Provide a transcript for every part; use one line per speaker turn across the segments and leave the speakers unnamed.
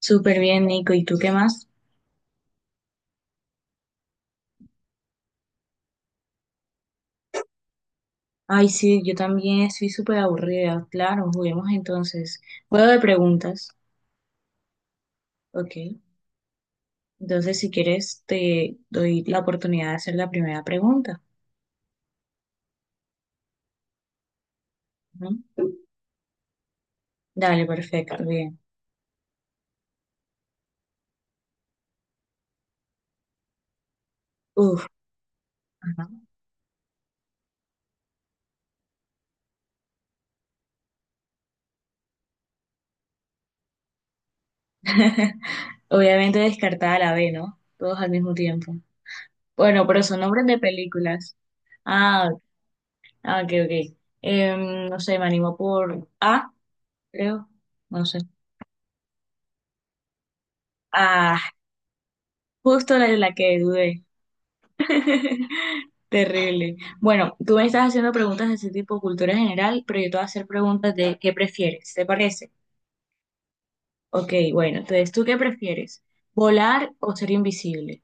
Súper bien, Nico. ¿Y tú qué más? Ay, sí, yo también estoy súper aburrida. Claro, juguemos entonces. Juego de preguntas. Ok. Entonces, si quieres, te doy la oportunidad de hacer la primera pregunta. Ujú. Dale, perfecto, bien. Uf. Obviamente descartada la B, ¿no? Todos al mismo tiempo. Bueno, pero son nombres de películas. Ah, ah, ok, ok. No sé, me animo por A, creo. No sé. Ah, justo la de la que dudé. Terrible. Bueno, tú me estás haciendo preguntas de ese tipo, cultura general, pero yo te voy a hacer preguntas de qué prefieres, ¿te parece? Ok, bueno, entonces, ¿tú qué prefieres? ¿Volar o ser invisible?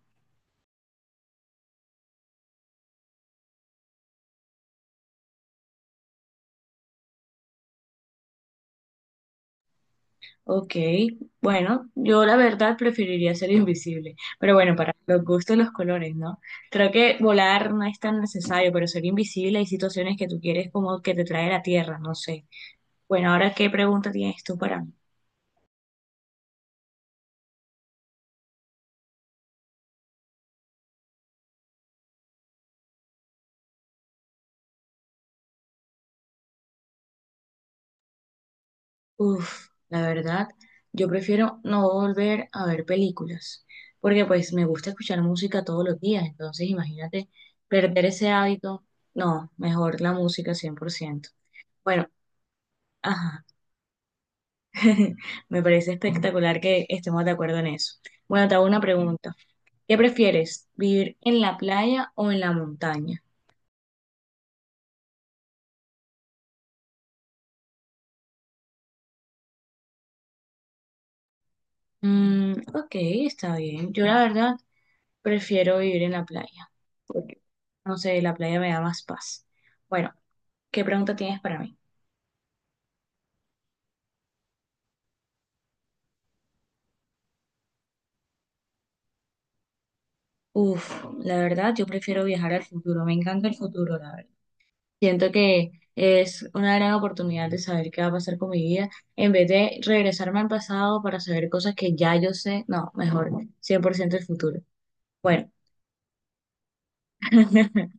Ok, bueno, yo la verdad preferiría ser invisible, pero bueno, para los gustos, los colores, ¿no? Creo que volar no es tan necesario, pero ser invisible hay situaciones que tú quieres como que te trae la tierra, no sé. Bueno, ahora, ¿qué pregunta tienes tú para mí? Uf, la verdad, yo prefiero no volver a ver películas, porque pues me gusta escuchar música todos los días, entonces imagínate perder ese hábito, no, mejor la música 100%. Bueno, ajá, me parece espectacular que estemos de acuerdo en eso. Bueno, te hago una pregunta, ¿qué prefieres, vivir en la playa o en la montaña? Mm, ok, está bien, yo la verdad prefiero vivir en la playa, porque no sé, la playa me da más paz. Bueno. ¿Qué pregunta tienes para mí? Uf, la verdad, yo prefiero viajar al futuro. Me encanta el futuro, la verdad. Siento que es una gran oportunidad de saber qué va a pasar con mi vida. En vez de regresarme al pasado para saber cosas que ya yo sé, no, mejor 100% el futuro. Bueno,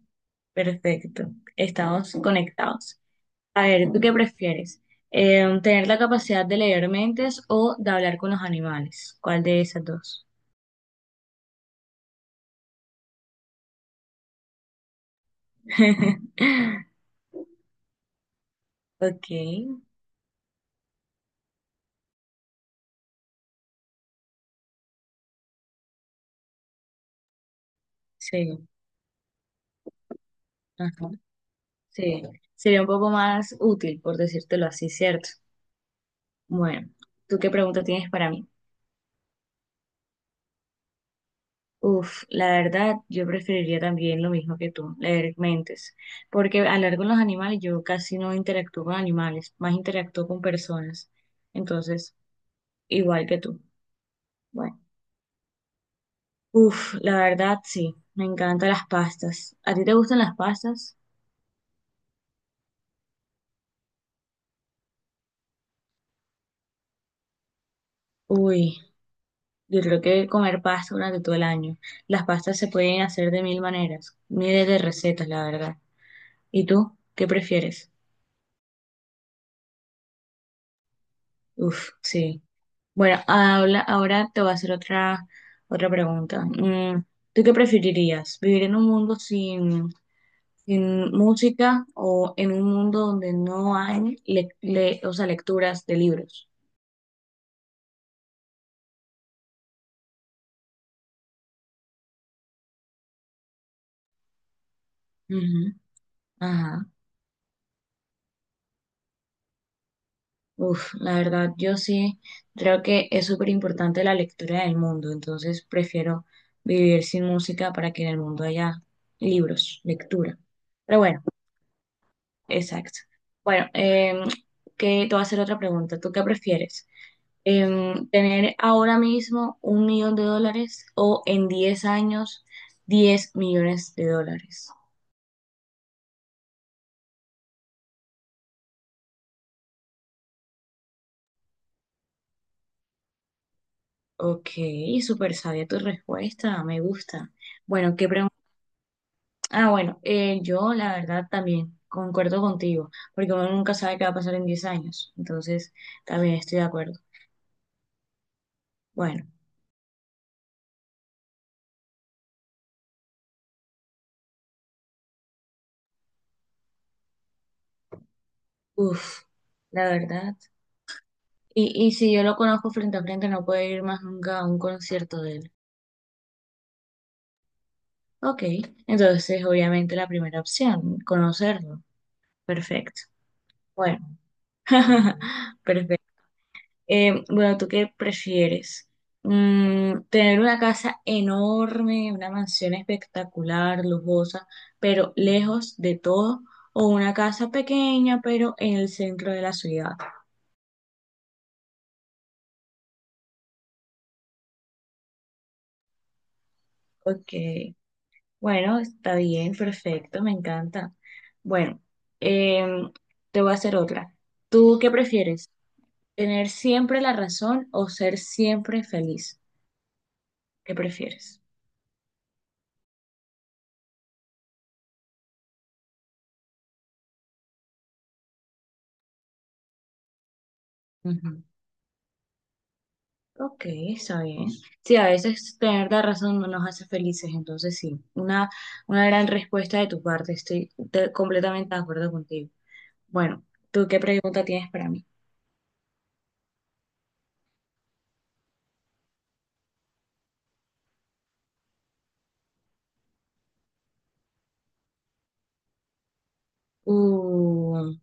perfecto. Estamos conectados. A ver, ¿tú qué prefieres? ¿Tener la capacidad de leer mentes o de hablar con los animales? ¿Cuál de esas dos? Ok, sí. Ajá. Sí, sería un poco más útil, por decírtelo así, ¿cierto? Bueno, ¿tú qué pregunta tienes para mí? Uf, la verdad, yo preferiría también lo mismo que tú, leer mentes, porque a con los animales yo casi no interactúo con animales, más interactúo con personas, entonces, igual que tú. Bueno, uf, la verdad, sí, me encantan las pastas. ¿A ti te gustan las pastas? Uy, yo creo que comer pasta durante todo el año. Las pastas se pueden hacer de mil maneras, miles de recetas, la verdad. ¿Y tú? ¿Qué prefieres? Uf, sí. Bueno, habla, ahora te voy a hacer otra, otra pregunta. ¿Tú qué preferirías? ¿Vivir en un mundo sin música o en un mundo donde no hay o sea, lecturas de libros? Ujú, ajá. Uf, la verdad, yo sí creo que es súper importante la lectura del mundo, entonces prefiero vivir sin música para que en el mundo haya libros, lectura. Pero bueno. Exacto. Bueno, que te voy a hacer otra pregunta. ¿Tú qué prefieres? ¿Tener ahora mismo 1 millón de dólares o en 10 años 10 millones de dólares? Ok, súper sabia tu respuesta, me gusta. Bueno, ¿qué pregunta? Ah, bueno, yo la verdad también concuerdo contigo, porque uno nunca sabe qué va a pasar en 10 años, entonces también estoy de acuerdo. Bueno, uff, la verdad. Y si yo lo conozco frente a frente, no puedo ir más nunca a un concierto de él. Ok, entonces obviamente la primera opción, conocerlo. Perfecto. Bueno, perfecto. Bueno, ¿tú qué prefieres? Tener una casa enorme, una mansión espectacular, lujosa, pero lejos de todo, o una casa pequeña, pero en el centro de la ciudad. Ok. Bueno, está bien, perfecto, me encanta. Bueno, em, te voy a hacer otra. ¿Tú qué prefieres? ¿Tener siempre la razón o ser siempre feliz? ¿Qué prefieres? Ujú. Ok, está bien. Sí, a veces tener la razón no nos hace felices, entonces sí, una gran respuesta de tu parte, completamente de acuerdo contigo. Bueno, ¿tú qué pregunta tienes para mí? Uh,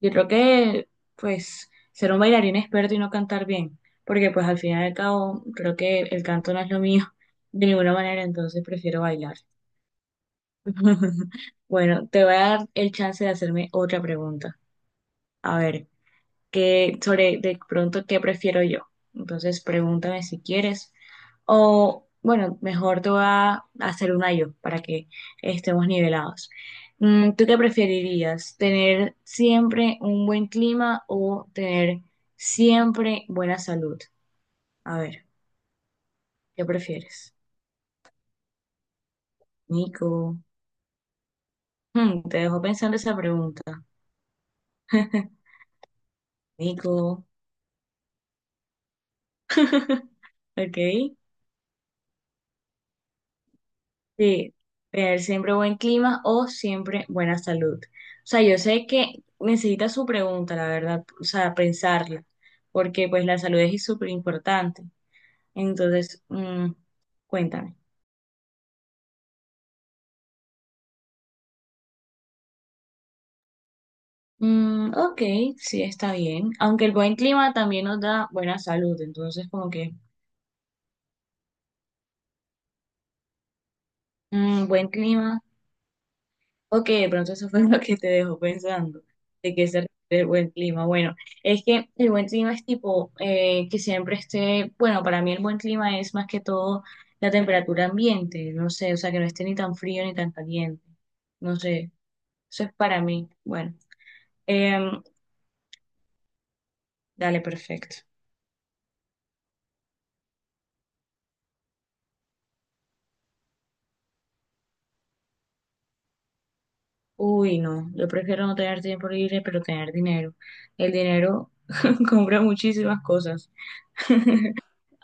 Yo creo que, pues, ser un bailarín experto y no cantar bien, porque pues al final y al cabo creo que el canto no es lo mío de ninguna manera, entonces prefiero bailar. Bueno, te voy a dar el chance de hacerme otra pregunta. A ver, que sobre de pronto qué prefiero yo. Entonces pregúntame si quieres. O bueno, mejor te voy a hacer una yo para que estemos nivelados. ¿Tú qué preferirías? ¿Tener siempre un buen clima o tener siempre buena salud? A ver, ¿qué prefieres? Nico, te dejo pensando esa pregunta. Nico, ok. Sí, tener siempre buen clima o siempre buena salud. O sea, yo sé que necesita su pregunta, la verdad, o sea, pensarla, porque pues la salud es súper importante. Entonces, cuéntame. Mm, ok, sí, está bien. Aunque el buen clima también nos da buena salud, entonces como que buen clima. Ok, de pronto eso fue lo que te dejó pensando, de que se refiere el buen clima. Bueno, es que el buen clima es tipo que siempre esté, bueno, para mí el buen clima es más que todo la temperatura ambiente, no sé, o sea, que no esté ni tan frío ni tan caliente, no sé, eso es para mí. Bueno, em, dale, perfecto. Uy, no, yo prefiero no tener tiempo libre, pero tener dinero. El dinero compra muchísimas cosas.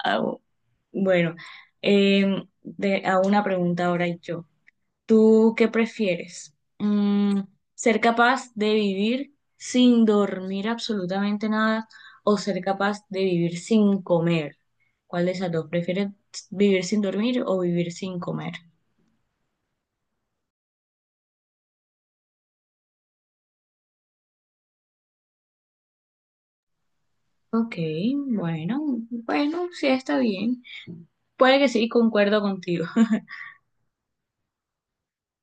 Au. Bueno, a una pregunta ahora yo. ¿Tú qué prefieres? ¿Ser capaz de vivir sin dormir absolutamente nada o ser capaz de vivir sin comer? ¿Cuál de esas dos? ¿Prefieres vivir sin dormir o vivir sin comer? Ok, bueno, bueno, sí está bien. Puede que sí, concuerdo contigo.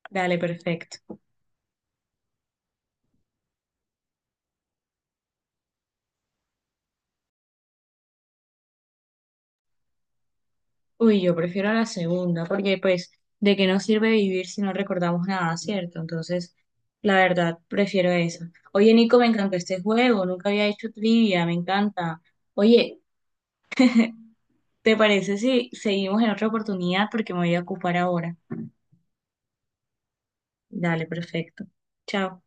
Dale, perfecto. Uy, yo prefiero la segunda, porque pues de qué nos sirve vivir si no recordamos nada, ¿cierto? Entonces, la verdad, prefiero esa. Oye, Nico, me encantó este juego, nunca había hecho trivia, me encanta. Oye, ¿te parece si seguimos en otra oportunidad? Porque me voy a ocupar ahora. Dale, perfecto. Chao.